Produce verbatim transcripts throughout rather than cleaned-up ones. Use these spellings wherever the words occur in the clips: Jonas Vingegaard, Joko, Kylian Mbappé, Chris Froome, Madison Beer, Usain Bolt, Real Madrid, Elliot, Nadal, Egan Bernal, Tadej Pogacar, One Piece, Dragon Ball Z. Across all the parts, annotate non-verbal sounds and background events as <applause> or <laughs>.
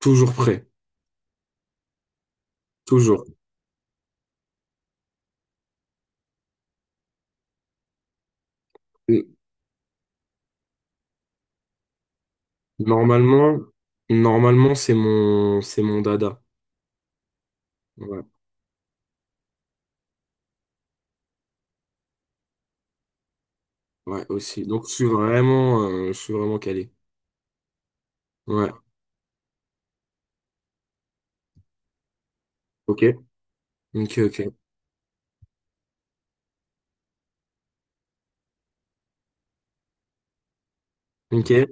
Toujours prêt, toujours. N- Normalement, normalement c'est mon, c'est mon dada. Ouais, ouais aussi. Donc je suis vraiment, euh, je suis vraiment calé. Ouais. Ok. Ok, ok, ok.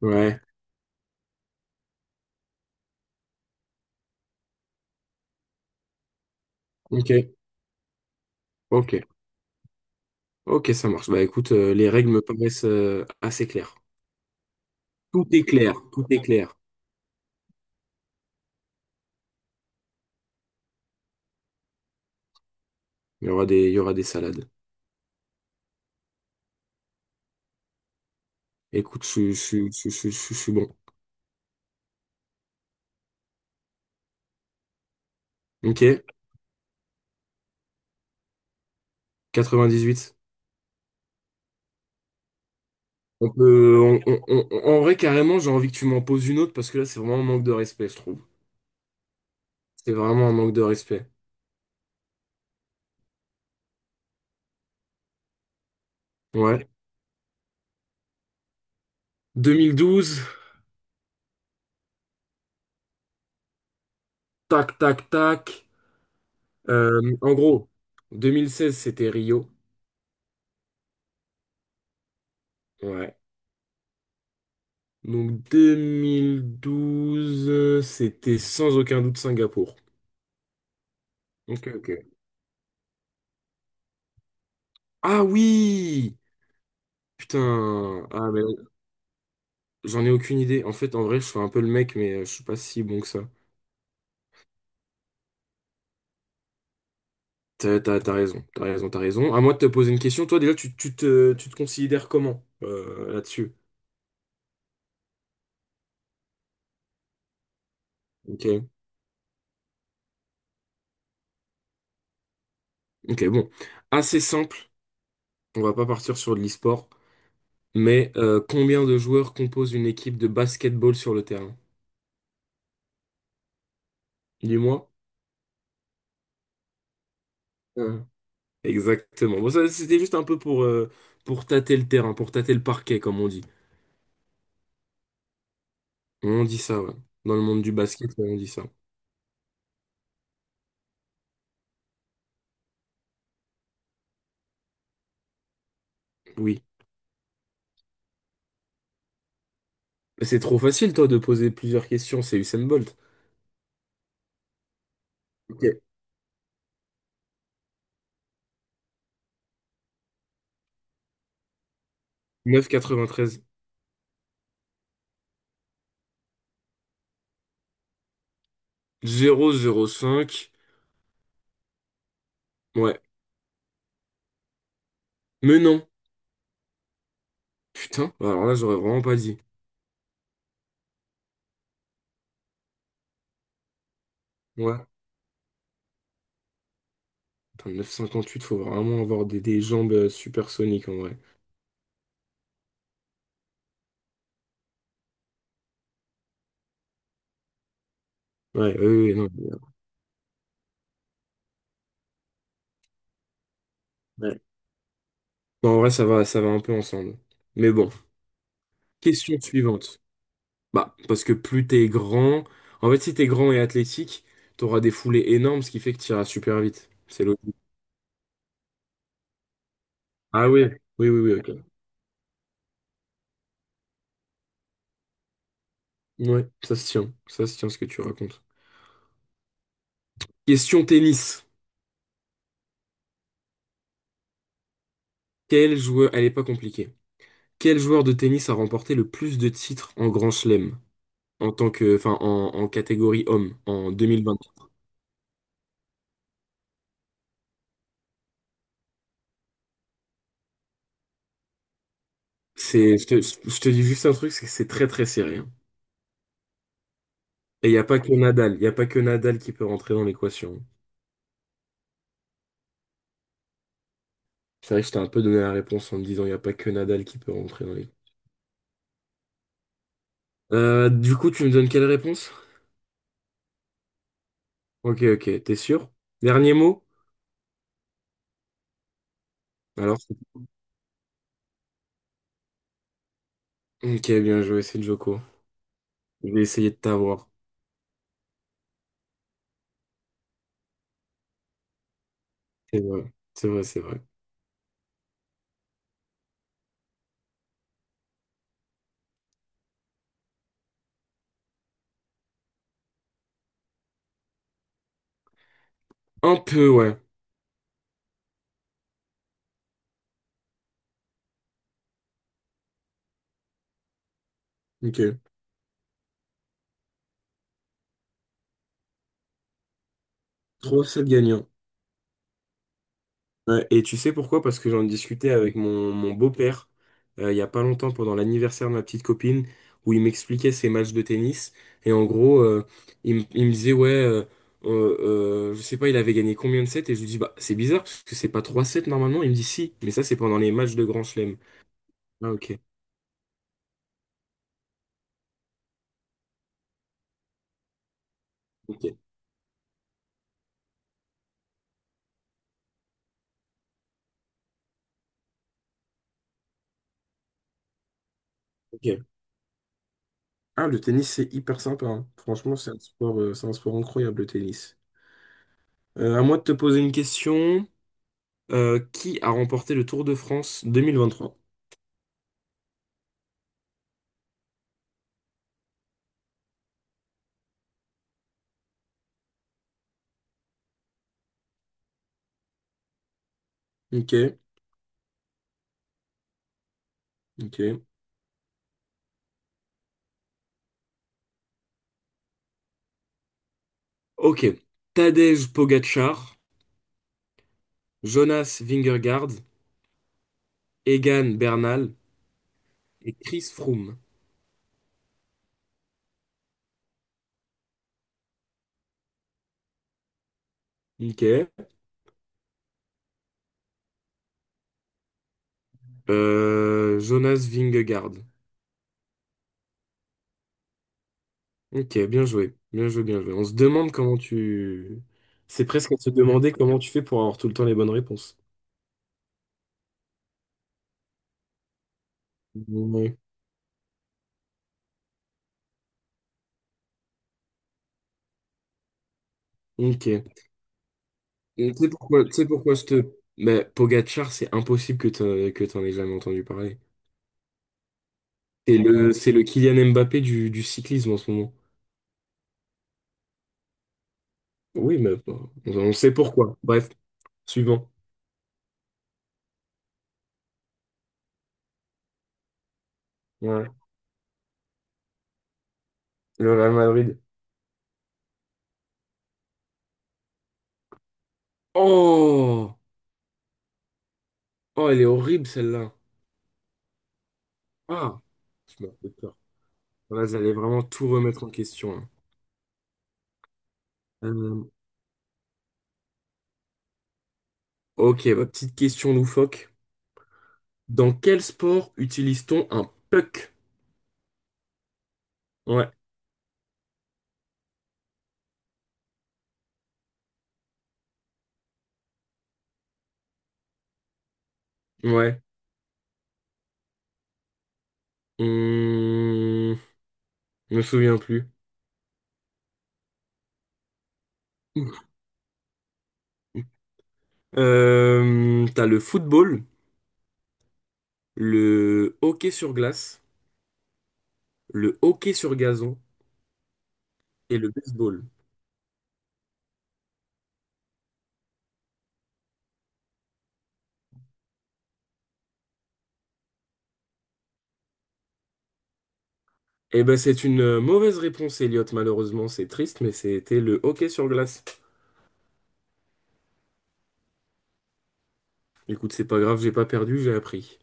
Ouais. Ok, ok, ok, ça marche. Bah écoute, euh, les règles me paraissent euh, assez claires. Tout est clair, tout est clair. Il y aura des, il y aura des salades. Écoute, je, je, je, je, je, je suis bon. Ok. quatre-vingt-dix-huit. On peut, on- on- on- En vrai, carrément, j'ai envie que tu m'en poses une autre parce que là, c'est vraiment un manque de respect, je trouve. C'est vraiment un manque de respect. Ouais. deux mille douze, tac, tac, tac. Euh, en gros, deux mille seize, c'était Rio. Ouais. Donc deux mille douze, euh, c'était sans aucun doute Singapour. Ok, ok. Ah oui! Putain. Ah, mais j'en ai aucune idée. En fait, en vrai, je fais un peu le mec, mais euh, je suis pas si bon que ça. T'as, t'as, t'as raison, t'as raison, t'as raison. À moi de te poser une question. Toi, déjà, tu, tu te, tu te considères comment euh, là-dessus? Ok. Ok, bon. Assez simple. On va pas partir sur de l'e-sport, mais euh, combien de joueurs composent une équipe de basketball sur le terrain? Dis-moi. Euh, Exactement. Bon, ça, c'était juste un peu pour, euh, pour tâter le terrain, pour tâter le parquet, comme on dit. On dit ça, ouais. Dans le monde du basket, ouais, on dit ça. Oui. Mais c'est trop facile, toi, de poser plusieurs questions. C'est Usain Bolt. Ok. Neuf virgule quatre-vingt-treize zéro virgule zéro cinq. Ouais. Mais non. Putain. Bah, alors là, j'aurais vraiment pas dit. Ouais. Putain, neuf virgule cinquante-huit, faut vraiment avoir des, des jambes euh, supersoniques, en vrai. Ouais, oui, oui, non. Ouais. Non, en vrai, ça va, ça va un peu ensemble. Mais bon, question suivante. Bah, parce que plus t'es grand, en fait, si t'es grand et athlétique, t'auras des foulées énormes, ce qui fait que t'iras super vite. C'est logique. Ah oui, oui, oui, oui, ok. Ouais, ça se tient, ça se tient ce que tu racontes. Question tennis. Quel joueur, elle est pas compliquée. Quel joueur de tennis a remporté le plus de titres en Grand Chelem en tant que, enfin, en, en catégorie homme en deux mille vingt? C'est, je te, je te dis juste un truc, c'est que c'est très très serré, hein. Et il n'y a pas que Nadal, il n'y a pas que Nadal qui peut rentrer dans l'équation. C'est vrai que je t'ai un peu donné la réponse en me disant il n'y a pas que Nadal qui peut rentrer dans l'équation. Euh, du coup, tu me donnes quelle réponse? Ok, ok, t'es sûr? Dernier mot? Alors, c'est- ok, bien joué, c'est Joko. Je vais essayer de t'avoir. C'est vrai, c'est vrai, c'est vrai. Un peu, ouais. Ok. Trois sept gagnants. Ouais, et tu sais pourquoi? Parce que j'en discutais avec mon, mon beau-père euh, il y a pas longtemps pendant l'anniversaire de ma petite copine où il m'expliquait ses matchs de tennis et en gros euh, il, me il me disait ouais euh, euh, euh, je sais pas il avait gagné combien de sets et je lui dis bah c'est bizarre parce que c'est pas trois sets normalement il me dit si mais ça c'est pendant les matchs de Grand Chelem. Ah ok ok ok. Ah le tennis c'est hyper sympa hein. Franchement c'est un sport euh, c'est un sport incroyable le tennis. Euh, à moi de te poser une question. Euh, qui a remporté le Tour de France deux mille vingt trois? Ok. Ok. Ok. Tadej Pogacar, Jonas Vingegaard, Egan Bernal et Chris Froome. Ok. Euh, Jonas Vingegaard. Ok, bien joué, bien joué, bien joué. On se demande comment tu... C'est presque à se demander comment tu fais pour avoir tout le temps les bonnes réponses. Ouais. Ok. Et tu sais pourquoi, tu sais pourquoi je te... Mais Pogacar, c'est impossible que t'en, que t'en aies jamais entendu parler. C'est le, c'est le Kylian Mbappé du, du cyclisme en ce moment. Oui, mais bon, on on sait pourquoi. Bref. Suivant. Ouais. Le Real Madrid. Oh! Oh, elle est horrible celle-là. Ah! Je me fais peur. Là, vous allez vraiment tout remettre en question, hein. Euh, ok, bah, petite question loufoque. Dans quel sport utilise-t-on un puck? Ouais, ouais. Hum, je me souviens plus. <laughs> Euh, t'as le football, le hockey sur glace, le hockey sur gazon et le baseball. Eh ben, c'est une euh, mauvaise réponse, Elliot. Malheureusement, c'est triste, mais c'était le hockey sur glace. Écoute, c'est pas grave, j'ai pas perdu, j'ai appris.